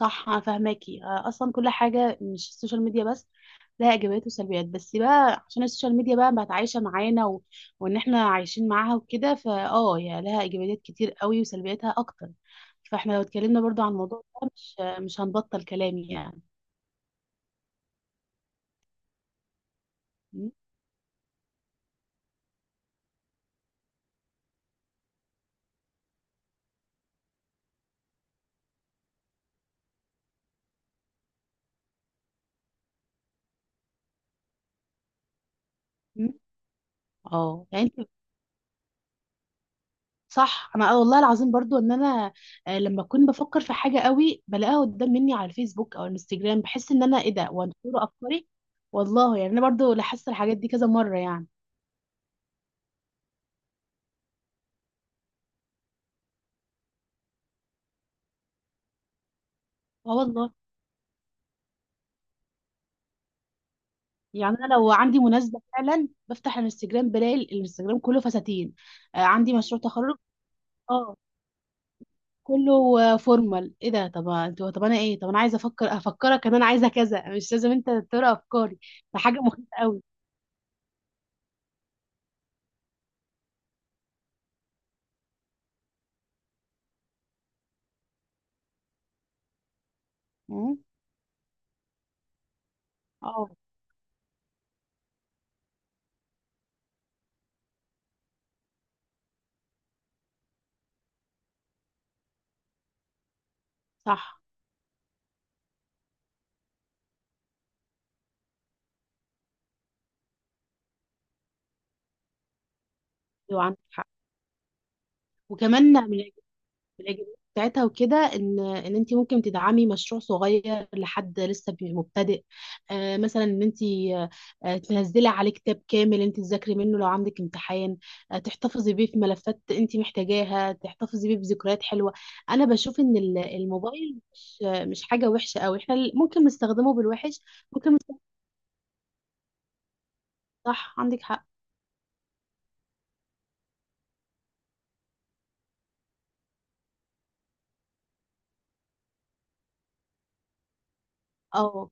صح، أنا فاهماكي. اصلا كل حاجه مش السوشيال ميديا بس لها ايجابيات وسلبيات، بس بقى عشان السوشيال ميديا بقى بقت عايشه معانا وان احنا عايشين معاها وكده، هي لها ايجابيات كتير قوي وسلبياتها اكتر. فاحنا لو اتكلمنا برضو عن الموضوع ده مش هنبطل كلام يعني. م- م- اه يعني انت، صح. انا والله العظيم برضو ان انا، لما اكون بفكر في حاجه قوي بلاقيها قدام مني على الفيسبوك او الانستجرام بحس ان انا ايه ده وانا افكاري. والله يعني انا برضو لاحظت الحاجات دي كذا مره يعني. اه والله. يعني انا لو عندي مناسبه فعلا بفتح الانستجرام بلاقي الانستجرام كله فساتين. عندي مشروع تخرج. اه، كله فورمال، ايه ده؟ طب انتوا، طب انا ايه؟ طب انا عايزه افكرك ان انا عايزه كذا، مش لازم انت تقرا افكاري، ده حاجه مخيفه قوي. مم. اه. صح. ايوه عندك حق. وكمان الاجابات بتاعتها وكده ان انت ممكن تدعمي مشروع صغير لحد لسه مبتدئ. مثلا ان انت، تنزلي عليه كتاب كامل انت تذاكري منه لو عندك امتحان، تحتفظي بيه في ملفات انت محتاجاها، تحتفظي بيه بذكريات حلوة. انا بشوف ان الموبايل مش حاجة وحشة قوي، احنا ممكن نستخدمه بالوحش. ممكن نست- صح عندك حق. اه،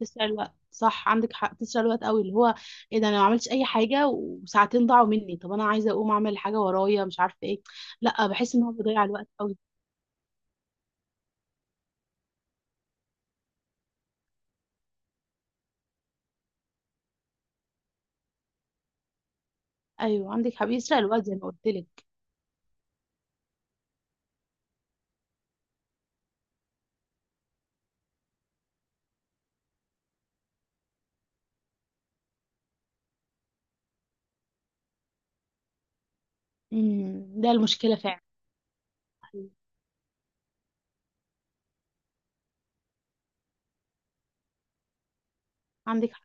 تسرق الوقت، صح عندك حق، تسرق الوقت قوي، اللي هو ايه ده، انا ما عملتش اي حاجه وساعتين ضاعوا مني، طب انا عايزه اقوم اعمل حاجه ورايا مش عارفه ايه. لا، بحس ان هو بيضيع الوقت قوي. ايوه عندك حق، بيسرق الوقت زي ما قلت لك. ده المشكله فعلا. أيوة، عندك حق.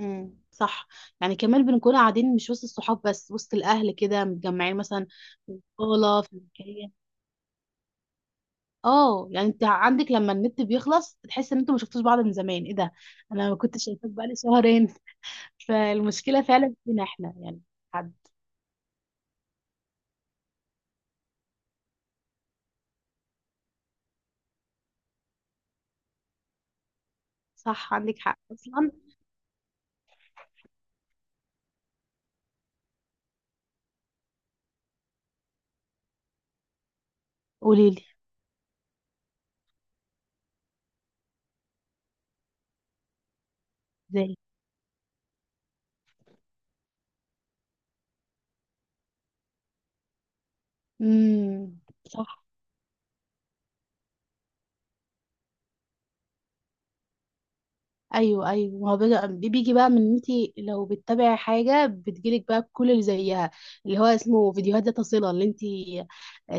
امم، صح. يعني كمان بنكون قاعدين مش وسط الصحاب بس وسط الاهل كده متجمعين مثلا في الصاله في المكان. اه، يعني انت عندك لما النت بيخلص تحس ان انتوا ما شفتوش بعض من زمان، ايه ده، انا ما كنتش شايفاك بقالي شهرين. فالمشكلة فعلا فينا احنا يعني. حد. صح عندك حق اصلا. قولي لي. ازاي. امم، صح. ايوه، ايوه، ما هو بيجي، دي بيجي بقى من إن انتي لو بتتابعي حاجه بتجيلك بقى كل اللي زيها، اللي هو اسمه فيديوهات ذات صله. اللي انتي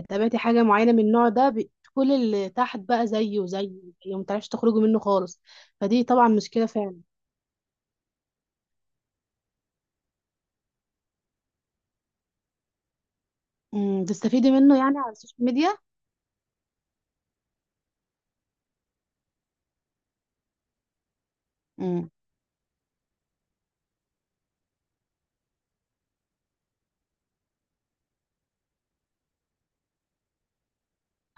تابعتي حاجه معينه من النوع ده، كل اللي تحت بقى زيه زيه، يعني ما تعرفش تخرجي منه خالص. فدي طبعا مشكله فعلا. تستفيدي منه يعني على السوشيال ميديا.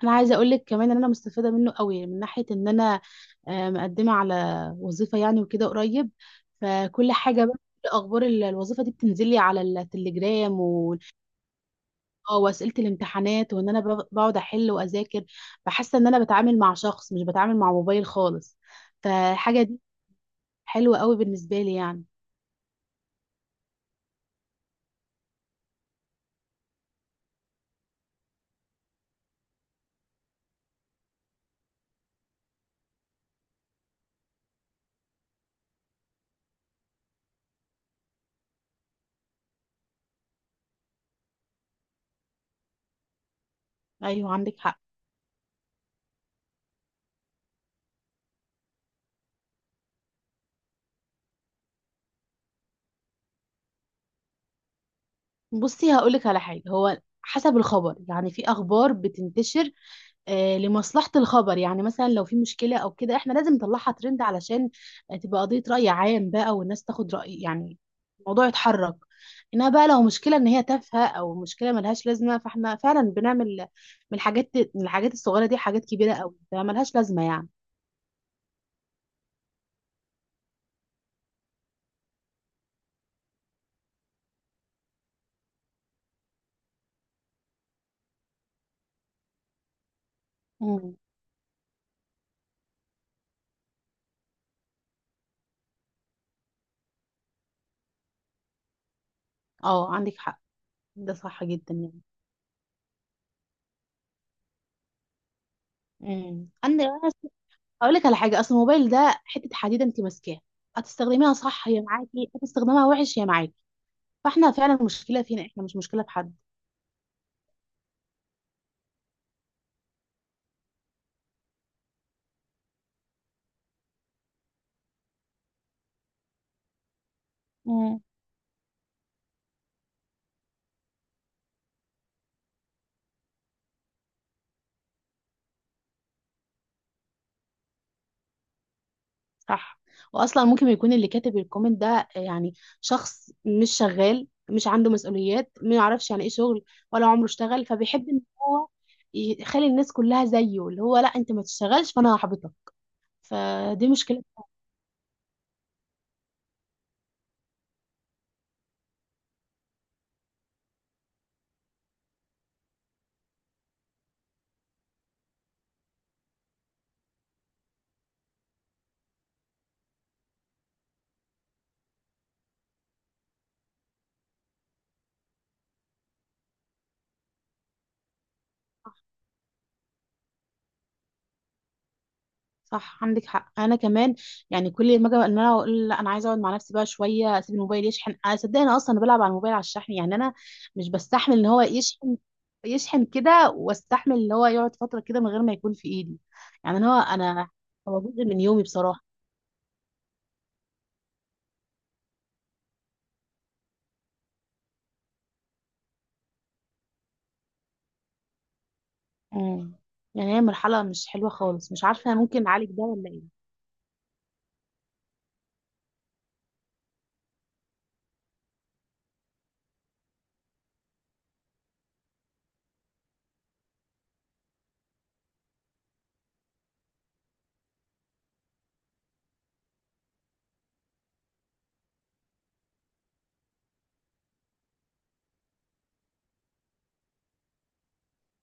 انا عايزه اقول لك كمان ان انا مستفاده منه قوي من ناحيه ان انا، مقدمه على وظيفه يعني وكده قريب. فكل حاجه بقى، كل اخبار الوظيفه دي بتنزل لي على التليجرام واسئله الامتحانات وان انا بقعد احل واذاكر، فحاسه ان انا بتعامل مع شخص مش بتعامل مع موبايل خالص. فالحاجه دي حلوه قوي بالنسبه لي يعني. ايوه عندك حق. بصي هقول لك على حاجه، هو حسب الخبر يعني، في اخبار بتنتشر لمصلحة الخبر، يعني مثلا لو في مشكلة أو كده إحنا لازم نطلعها ترند علشان تبقى قضية رأي عام بقى، والناس تاخد رأي يعني الموضوع يتحرك. إنما بقى لو مشكلة إن هي تافهة أو مشكلة ملهاش لازمة، فإحنا فعلا بنعمل من الحاجات من الحاجات الصغيرة دي حاجات كبيرة أوي، فملهاش لازمة يعني. امم. أه عندك حق. ده صح جدا يعني. امم، أنا أقول لك على حاجة، أصل الموبايل ده حتة حديدة، أنت ماسكاها هتستخدميها صح هي معاكي، هتستخدمها وحش هي معاكي. فإحنا فعلا المشكلة فينا إحنا، مش مشكلة في حد. مم. صح. واصلا ممكن يكون اللي كاتب الكومنت ده، يعني شخص مش شغال مش عنده مسؤوليات ما يعرفش يعني ايه شغل ولا عمره اشتغل، فبيحب ان هو يخلي الناس كلها زيه، اللي هو لا انت ما تشتغلش فانا هحبطك. فدي مشكلة. صح عندك حق، انا كمان يعني كل ما اجي ان انا اقول لا انا عايزه اقعد مع نفسي بقى شويه، اسيب الموبايل يشحن، انا صدقني انا اصلا بلعب على الموبايل على الشحن يعني، انا مش بستحمل ان هو يشحن يشحن كده، واستحمل ان هو يقعد فتره كده من غير ما يكون في ايدي. يعني انا، هو جزء من يومي بصراحه. امم يعني هي مرحله مش حلوه خالص، مش عارفه ممكن نعالج ده ولا ايه.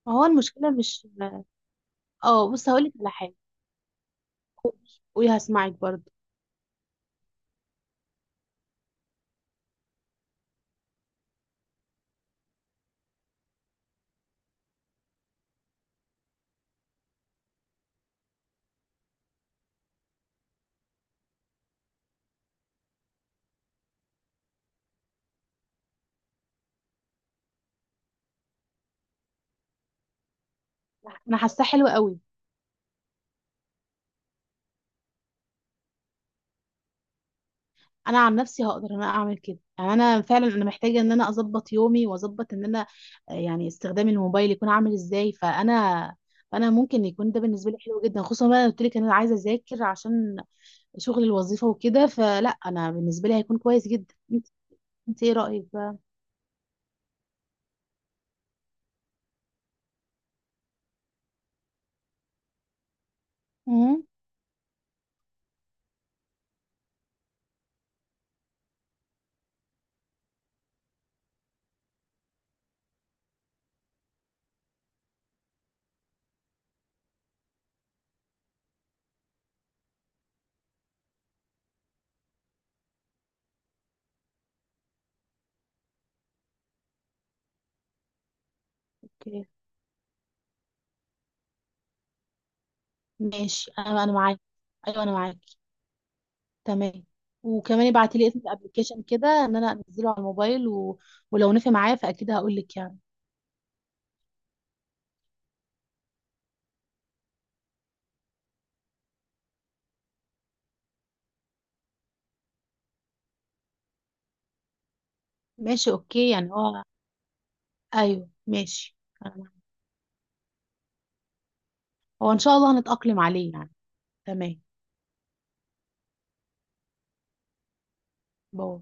ما هو المشكله مش. اه، بص هقول لك على حاجه. قولي، هسمعك برضه. انا حاساه حلوه قوي. انا عن نفسي هقدر ان انا اعمل كده، يعني انا فعلا انا محتاجه ان انا اظبط يومي واظبط ان انا، يعني استخدام الموبايل يكون عامل ازاي. فانا ممكن يكون ده بالنسبه لي حلو جدا، خصوصا بقى انا قلت لك ان انا عايزه اذاكر عشان شغل الوظيفه وكده، فلا انا بالنسبه لي هيكون كويس جدا انت ايه رايك بقى. امم. اوكي. ماشي، انا معاك، ايوه انا معاك. تمام. وكمان ابعتي لي اسم الابلكيشن كده ان انا انزله على الموبايل ولو نفع معايا فاكيد هقول لك يعني. ماشي، اوكي، يعني هو ايوه ماشي. أنا- هو ان شاء الله هنتأقلم عليه يعني. تمام. باي.